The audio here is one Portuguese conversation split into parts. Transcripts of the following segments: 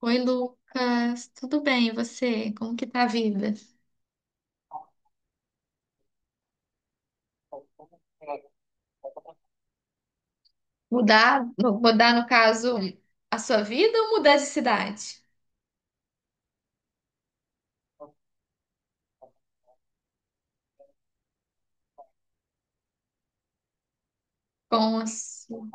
Oi, Lucas. Tudo bem, e você? Como que tá a vida? Mudar, mudar no caso, a sua vida ou mudar de cidade? Com a sua-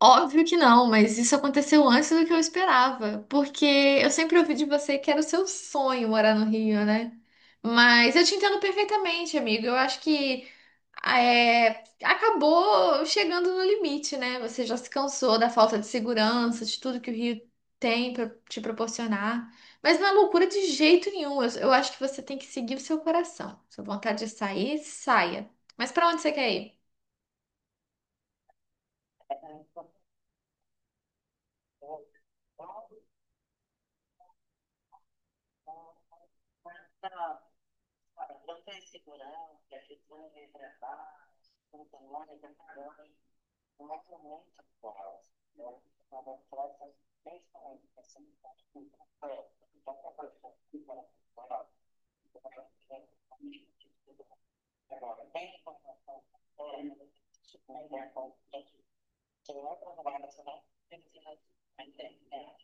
Óbvio que não, mas isso aconteceu antes do que eu esperava, porque eu sempre ouvi de você que era o seu sonho morar no Rio, né? Mas eu te entendo perfeitamente, amigo. Eu acho que é, acabou chegando no limite, né? Você já se cansou da falta de segurança, de tudo que o Rio tem para te proporcionar. Mas não é loucura de jeito nenhum. Eu acho que você tem que seguir o seu coração. Sua vontade de sair, saia. Mas para onde você quer ir?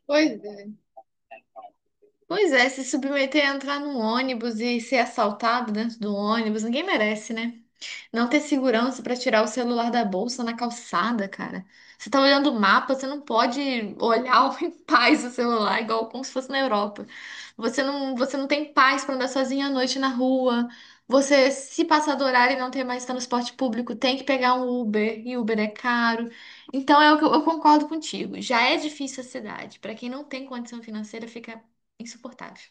Pois é. Pois é, se submeter a entrar num ônibus e ser assaltado dentro do ônibus, ninguém merece, né? Não ter segurança pra tirar o celular da bolsa na calçada, cara. Você tá olhando o mapa, você não pode olhar em paz o celular, igual como se fosse na Europa. Você não tem paz pra andar sozinha à noite na rua. Você, se passar do horário e não ter mais transporte público, tem que pegar um Uber, e Uber é caro. Então, é o que eu concordo contigo. Já é difícil a cidade. Pra quem não tem condição financeira, fica insuportável.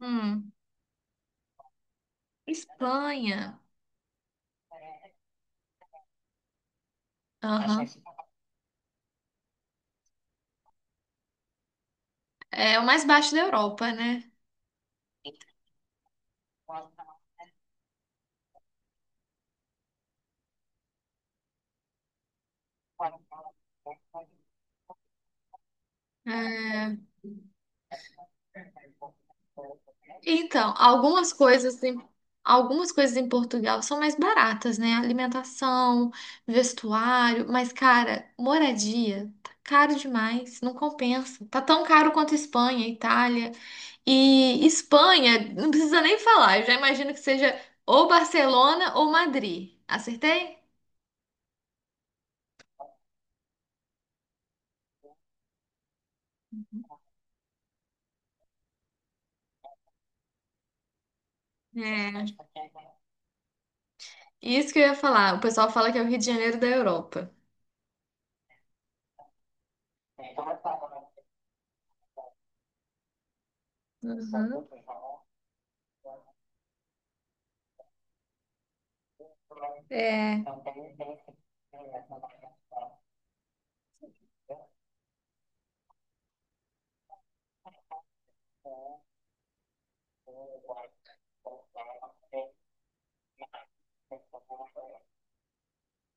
Hum. Espanha. Aham. É o mais baixo da Europa, né? É, então, algumas coisas em Portugal são mais baratas, né? Alimentação, vestuário, mas, cara, moradia tá caro demais, não compensa. Tá tão caro quanto Espanha, Itália. E Espanha, não precisa nem falar, eu já imagino que seja ou Barcelona ou Madrid. Acertei? É. Isso que eu ia falar. O pessoal fala que é o Rio de Janeiro da Europa. Uhum. É.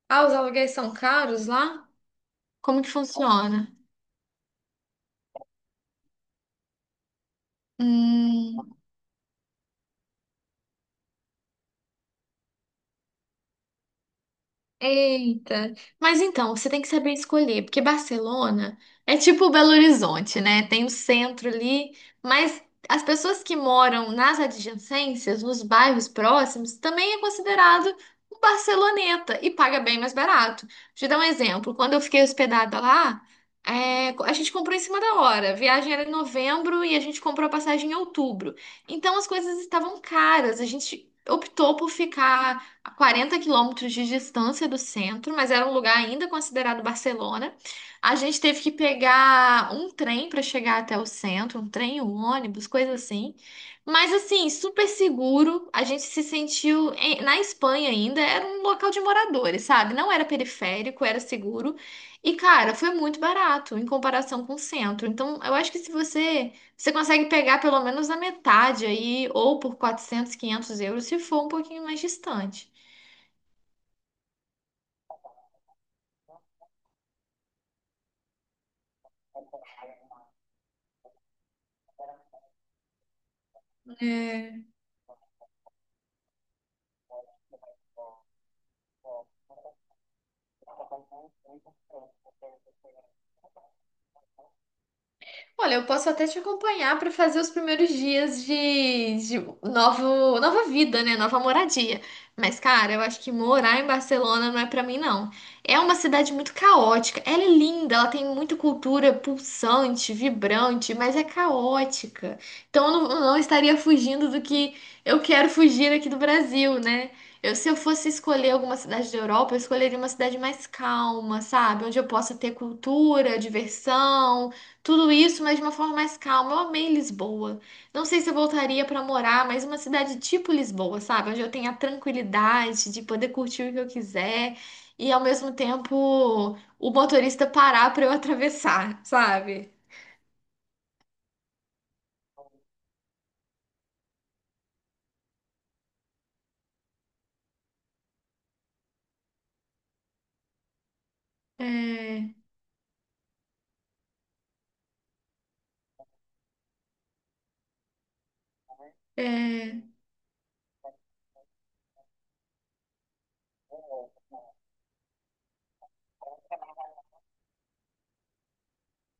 Ah, os aluguéis são caros lá? Como que funciona? Hum. Eita! Mas então, você tem que saber escolher, porque Barcelona é tipo Belo Horizonte, né? Tem o centro ali, mas as pessoas que moram nas adjacências, nos bairros próximos, também é considerado um barceloneta e paga bem mais barato. Deixa eu dar um exemplo. Quando eu fiquei hospedada lá, é, a gente comprou em cima da hora. A viagem era em novembro e a gente comprou a passagem em outubro. Então as coisas estavam caras. A gente optou por ficar a 40 quilômetros de distância do centro, mas era um lugar ainda considerado Barcelona. A gente teve que pegar um trem para chegar até o centro, um trem, um ônibus, coisa assim. Mas assim, super seguro. A gente se sentiu na Espanha ainda, era um local de moradores, sabe? Não era periférico, era seguro. E cara, foi muito barato em comparação com o centro. Então, eu acho que se você consegue pegar pelo menos a metade aí, ou por 400, 500 euros, se for um pouquinho mais distante. É. Olha, eu posso até te acompanhar para fazer os primeiros dias de novo, nova vida, né? Nova moradia. Mas, cara, eu acho que morar em Barcelona não é para mim, não. É uma cidade muito caótica. Ela é linda, ela tem muita cultura pulsante, vibrante, mas é caótica. Então, eu não estaria fugindo do que eu quero fugir aqui do Brasil, né? Eu, se eu fosse escolher alguma cidade da Europa, eu escolheria uma cidade mais calma, sabe? Onde eu possa ter cultura, diversão. Tudo isso, mas de uma forma mais calma. Eu amei Lisboa. Não sei se eu voltaria pra morar, mas uma cidade tipo Lisboa, sabe? Onde eu tenho a tranquilidade de poder curtir o que eu quiser e ao mesmo tempo o motorista parar pra eu atravessar, sabe? É, é.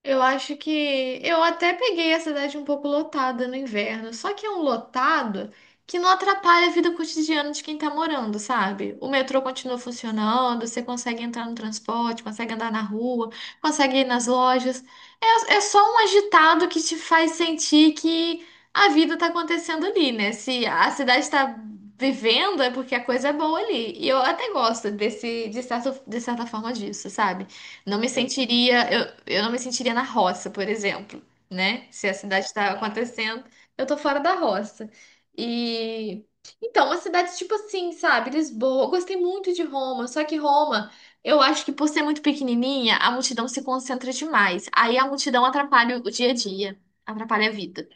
Eu acho que eu até peguei a cidade um pouco lotada no inverno, só que é um lotado que não atrapalha a vida cotidiana de quem tá morando, sabe? O metrô continua funcionando, você consegue entrar no transporte, consegue andar na rua, consegue ir nas lojas. É, é só um agitado que te faz sentir que a vida tá acontecendo ali, né? Se a cidade tá vivendo, é porque a coisa é boa ali. E eu até gosto desse, de certa forma disso, sabe? Não me sentiria, eu não me sentiria na roça, por exemplo, né? Se a cidade está acontecendo, eu tô fora da roça. E então, uma cidade tipo assim, sabe? Lisboa, eu gostei muito de Roma, só que Roma, eu acho que por ser muito pequenininha, a multidão se concentra demais. Aí a multidão atrapalha o dia a dia, atrapalha a vida.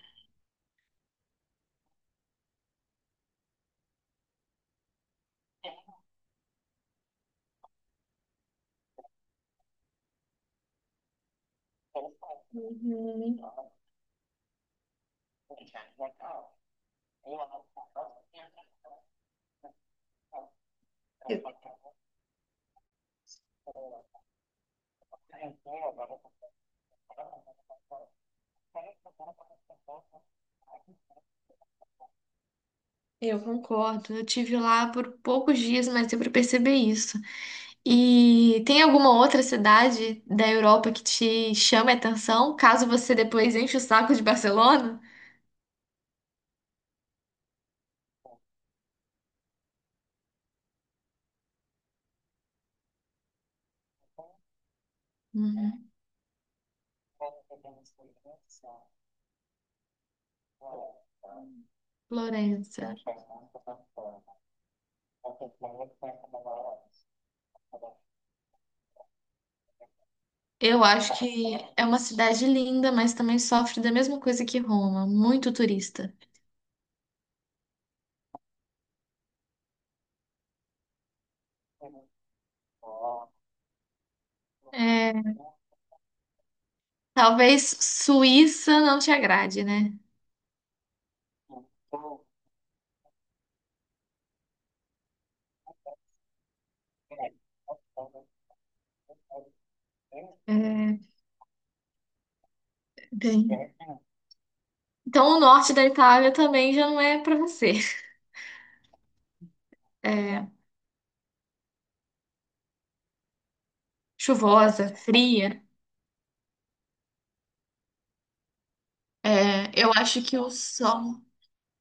Uhum. Eu concordo. Eu tive lá por poucos dias, mas deu pra perceber isso. E tem alguma outra cidade da Europa que te chame a atenção, caso você depois enche o saco de Barcelona? Uhum. Florença. Eu acho que é uma cidade linda, mas também sofre da mesma coisa que Roma, muito turista. É, talvez Suíça não te agrade, né? É, bem. Então o norte da Itália também já não é pra você. É, chuvosa, fria. É, eu acho que o sol.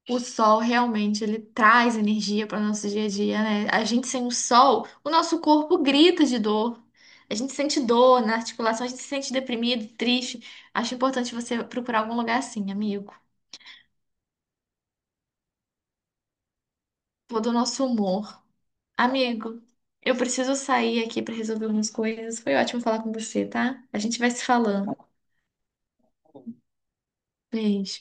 O sol realmente ele traz energia para o nosso dia a dia, né? A gente sem o sol, o nosso corpo grita de dor. A gente sente dor na articulação, a gente se sente deprimido, triste. Acho importante você procurar algum lugar assim, amigo. Todo do nosso humor. Amigo, eu preciso sair aqui para resolver umas coisas. Foi ótimo falar com você, tá? A gente vai se falando. Beijo.